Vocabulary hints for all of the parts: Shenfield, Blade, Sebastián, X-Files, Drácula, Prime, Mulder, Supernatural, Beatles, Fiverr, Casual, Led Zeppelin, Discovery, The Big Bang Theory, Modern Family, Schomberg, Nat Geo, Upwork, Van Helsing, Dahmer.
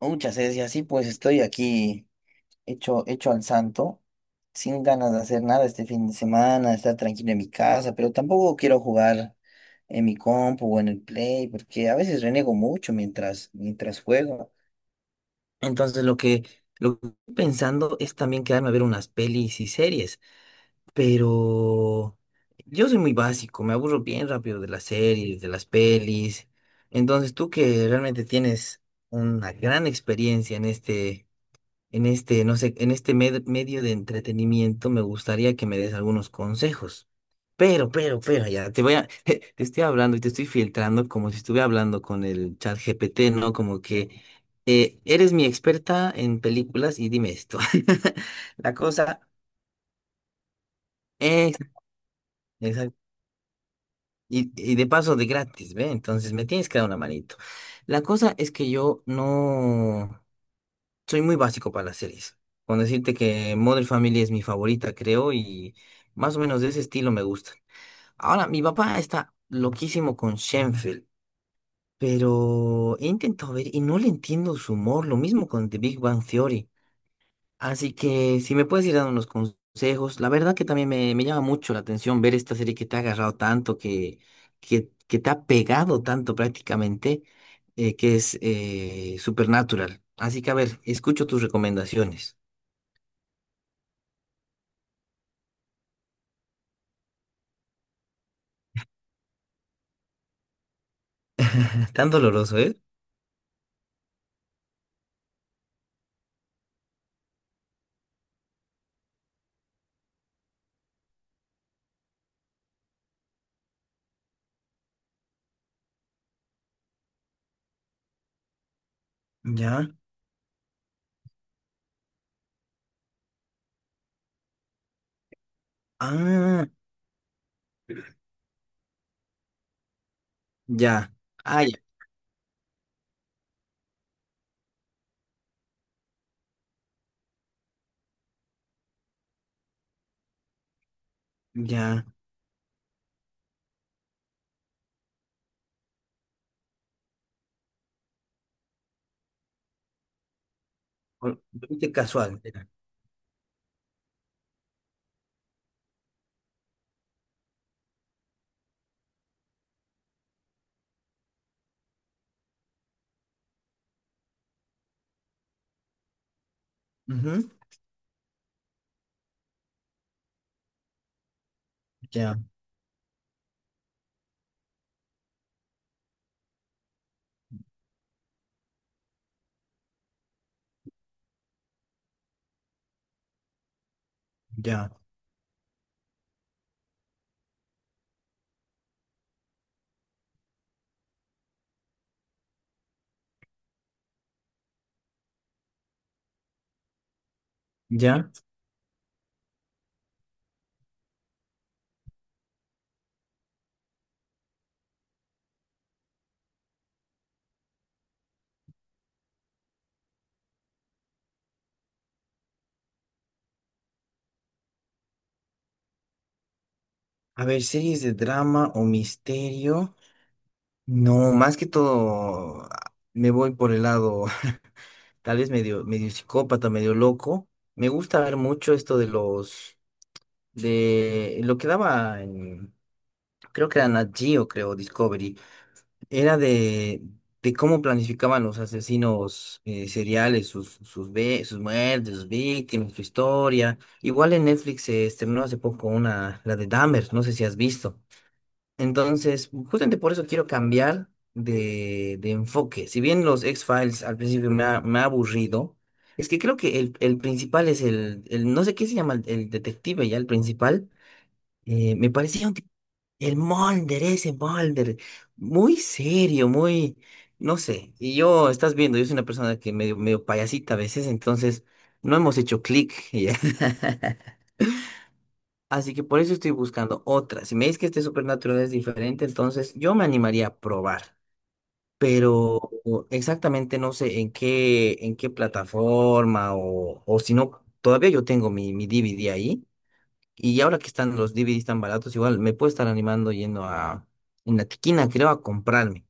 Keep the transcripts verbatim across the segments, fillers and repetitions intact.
Muchas veces y así pues estoy aquí hecho, hecho al santo, sin ganas de hacer nada este fin de semana, estar tranquilo en mi casa, pero tampoco quiero jugar en mi compu o en el play, porque a veces renego mucho mientras, mientras juego. Entonces lo que, lo que estoy pensando es también quedarme a ver unas pelis y series, pero yo soy muy básico, me aburro bien rápido de las series, de las pelis. Entonces tú que realmente tienes una gran experiencia en este en este, no sé, en este med- medio de entretenimiento me gustaría que me des algunos consejos. Pero, pero, pero, ya, te voy a, te estoy hablando y te estoy filtrando como si estuviera hablando con el chat G P T, ¿no? Como que eh, eres mi experta en películas y dime esto. La cosa es, exacto, y, y de paso de gratis, ¿ve? Entonces me tienes que dar una manito. La cosa es que yo no. Soy muy básico para las series. Con decirte que Modern Family es mi favorita, creo, y más o menos de ese estilo me gustan. Ahora, mi papá está loquísimo con Shenfield, pero he intentado ver y no le entiendo su humor, lo mismo con The Big Bang Theory. Así que si me puedes ir dando unos consejos, la verdad que también me, me llama mucho la atención ver esta serie que te ha agarrado tanto, que, que, que te ha pegado tanto prácticamente, eh, que es eh, Supernatural. Así que a ver, escucho tus recomendaciones. Tan doloroso, ¿eh? Ya. Ah, ya. Ah, ya. Ya. O- viste Casual. Era. Ujú. Ya, ya, ya. A ver, series de drama o misterio. No, más que todo ah, me voy por el lado, tal vez medio, medio psicópata, medio loco. Me gusta ver mucho esto de los, de lo que daba en, creo que era Nat Geo, creo, Discovery. Era de, de cómo planificaban los asesinos eh, seriales, sus, sus, ve- sus muertes, sus víctimas, su historia. Igual en Netflix se estrenó hace poco una, la de Dahmer, no sé si has visto. Entonces, justamente por eso quiero cambiar de, de enfoque. Si bien los X-Files al principio me ha, me ha aburrido, es que creo que el, el principal es el, el, no sé qué se llama, el, el detective ya, el principal. Eh, me parecía un tipo el Mulder, ese Mulder, muy serio, muy, no sé. Y yo, estás viendo, yo soy una persona que medio, medio payasita a veces, entonces no hemos hecho clic. y- Así que por eso estoy buscando otra. Si me dices que este Supernatural es diferente, entonces yo me animaría a probar. Pero o, exactamente no sé en qué, en qué plataforma o, o si no, todavía yo tengo mi, mi D V D ahí. Y ahora que están los D V Ds tan baratos, igual me puedo estar animando yendo a en la tiquina, creo, a comprarme.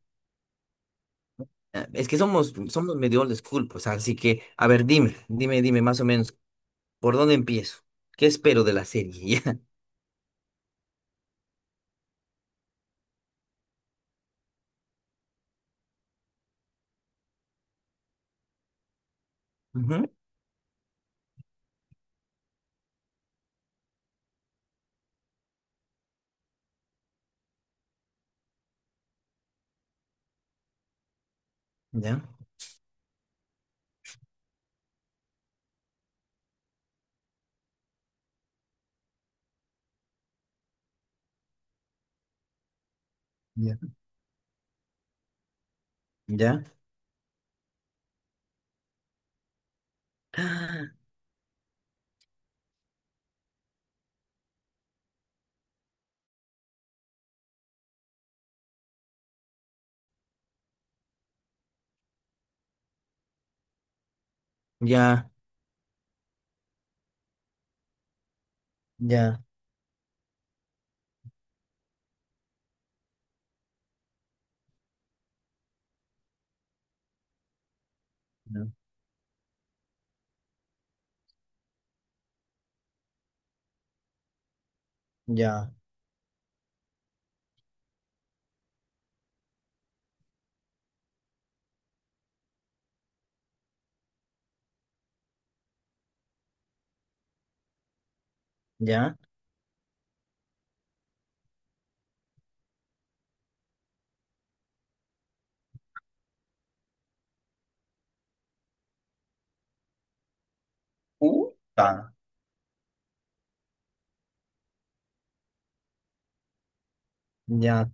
Eh, Es que somos, somos medio old school, pues, así que, a ver, dime, dime, dime, más o menos, ¿por dónde empiezo? ¿Qué espero de la serie? Ya, ujú, ya, ya, ya. Ah, ya, ya, ya, ya, ya. Puta. Ya.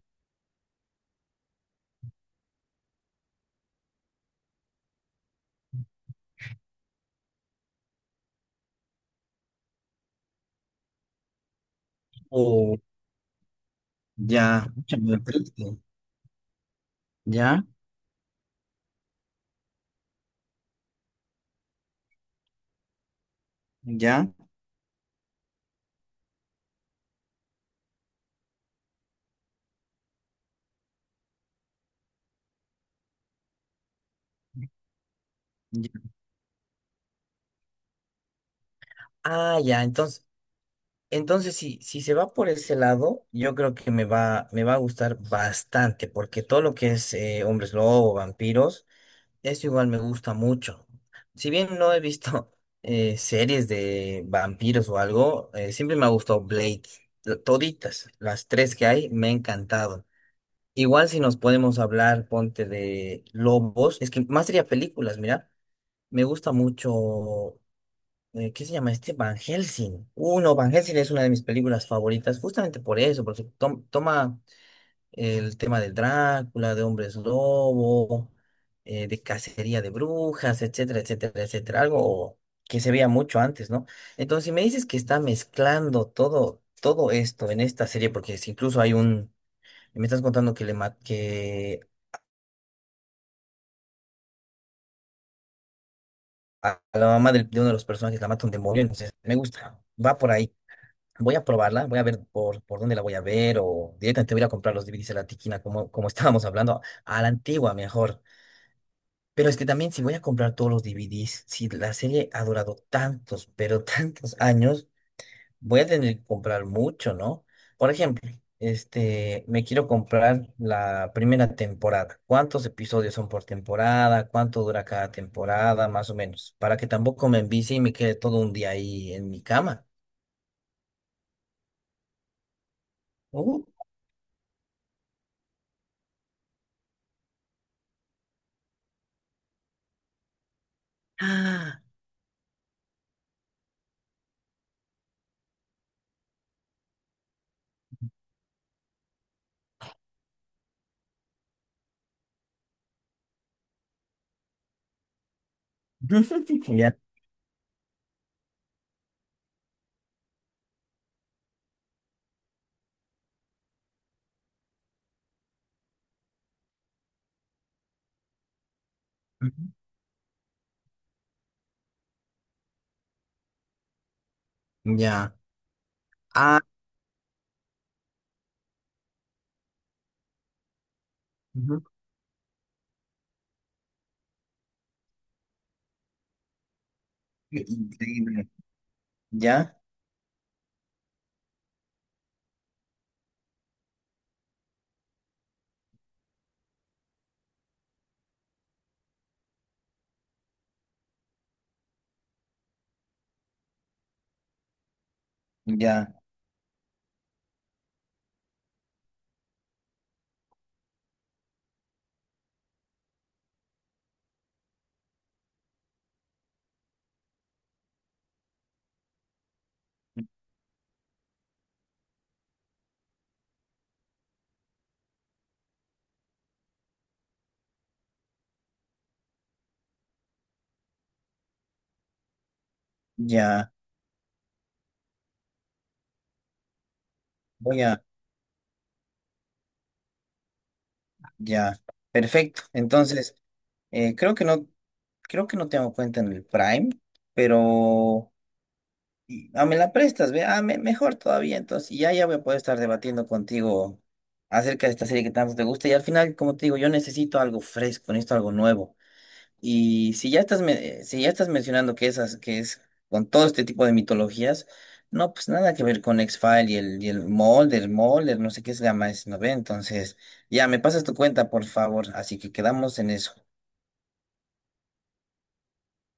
Oh. Ya, pucha, me atreviste. Ya, ya, ya. Ah, ya, entonces. Entonces, si, si se va por ese lado, yo creo que me va, me va a gustar bastante, porque todo lo que es eh, hombres lobo, vampiros, eso igual me gusta mucho. Si bien no he visto eh, series de vampiros o algo, eh, siempre me ha gustado Blade, lo- toditas, las tres que hay, me ha encantado. Igual si nos podemos hablar, ponte de lobos, es que más sería películas, mira, me gusta mucho eh, ¿qué se llama este? Van Helsing. Uno, Van Helsing es una de mis películas favoritas, justamente por eso, porque tom- toma el tema del Drácula, de hombres lobo, eh, de cacería de brujas, etcétera, etcétera, etcétera. Algo que se veía mucho antes, ¿no? Entonces, si me dices que está mezclando todo, todo esto en esta serie, porque si incluso hay un. Me estás contando que le ma- que a a la mamá del- de uno de los personajes la mata un demonio, entonces me gusta. Va por ahí. Voy a probarla, voy a ver por, por dónde la voy a ver o directamente voy a ir a comprar los D V Ds a la tiquina, como, como estábamos hablando, a la antigua mejor. Pero es que también si voy a comprar todos los D V Ds, si la serie ha durado tantos, pero tantos años, voy a tener que comprar mucho, ¿no? Por ejemplo, este, me quiero comprar la primera temporada. ¿Cuántos episodios son por temporada? ¿Cuánto dura cada temporada? Más o menos, para que tampoco me envicie y me quede todo un día ahí en mi cama. Uh. Ya. Ya. Ah, ujú, increíble. Ya, ya, ya. Voy a, ya. Perfecto. Entonces, eh, creo que no, creo que no tengo cuenta en el Prime, pero y- ah, me la prestas, ve. Ah, me- mejor todavía. Entonces, y ya, ya voy a poder estar debatiendo contigo acerca de esta serie que tanto te gusta. Y al final, como te digo, yo necesito algo fresco, necesito algo nuevo. Y si ya estás, me- eh, si ya estás mencionando que esas, que es con todo este tipo de mitologías, no, pues nada que ver con X-File y el, y el Mulder, Mulder, no sé qué es Gamma S nueve. Entonces, ya me pasas tu cuenta, por favor. Así que quedamos en eso.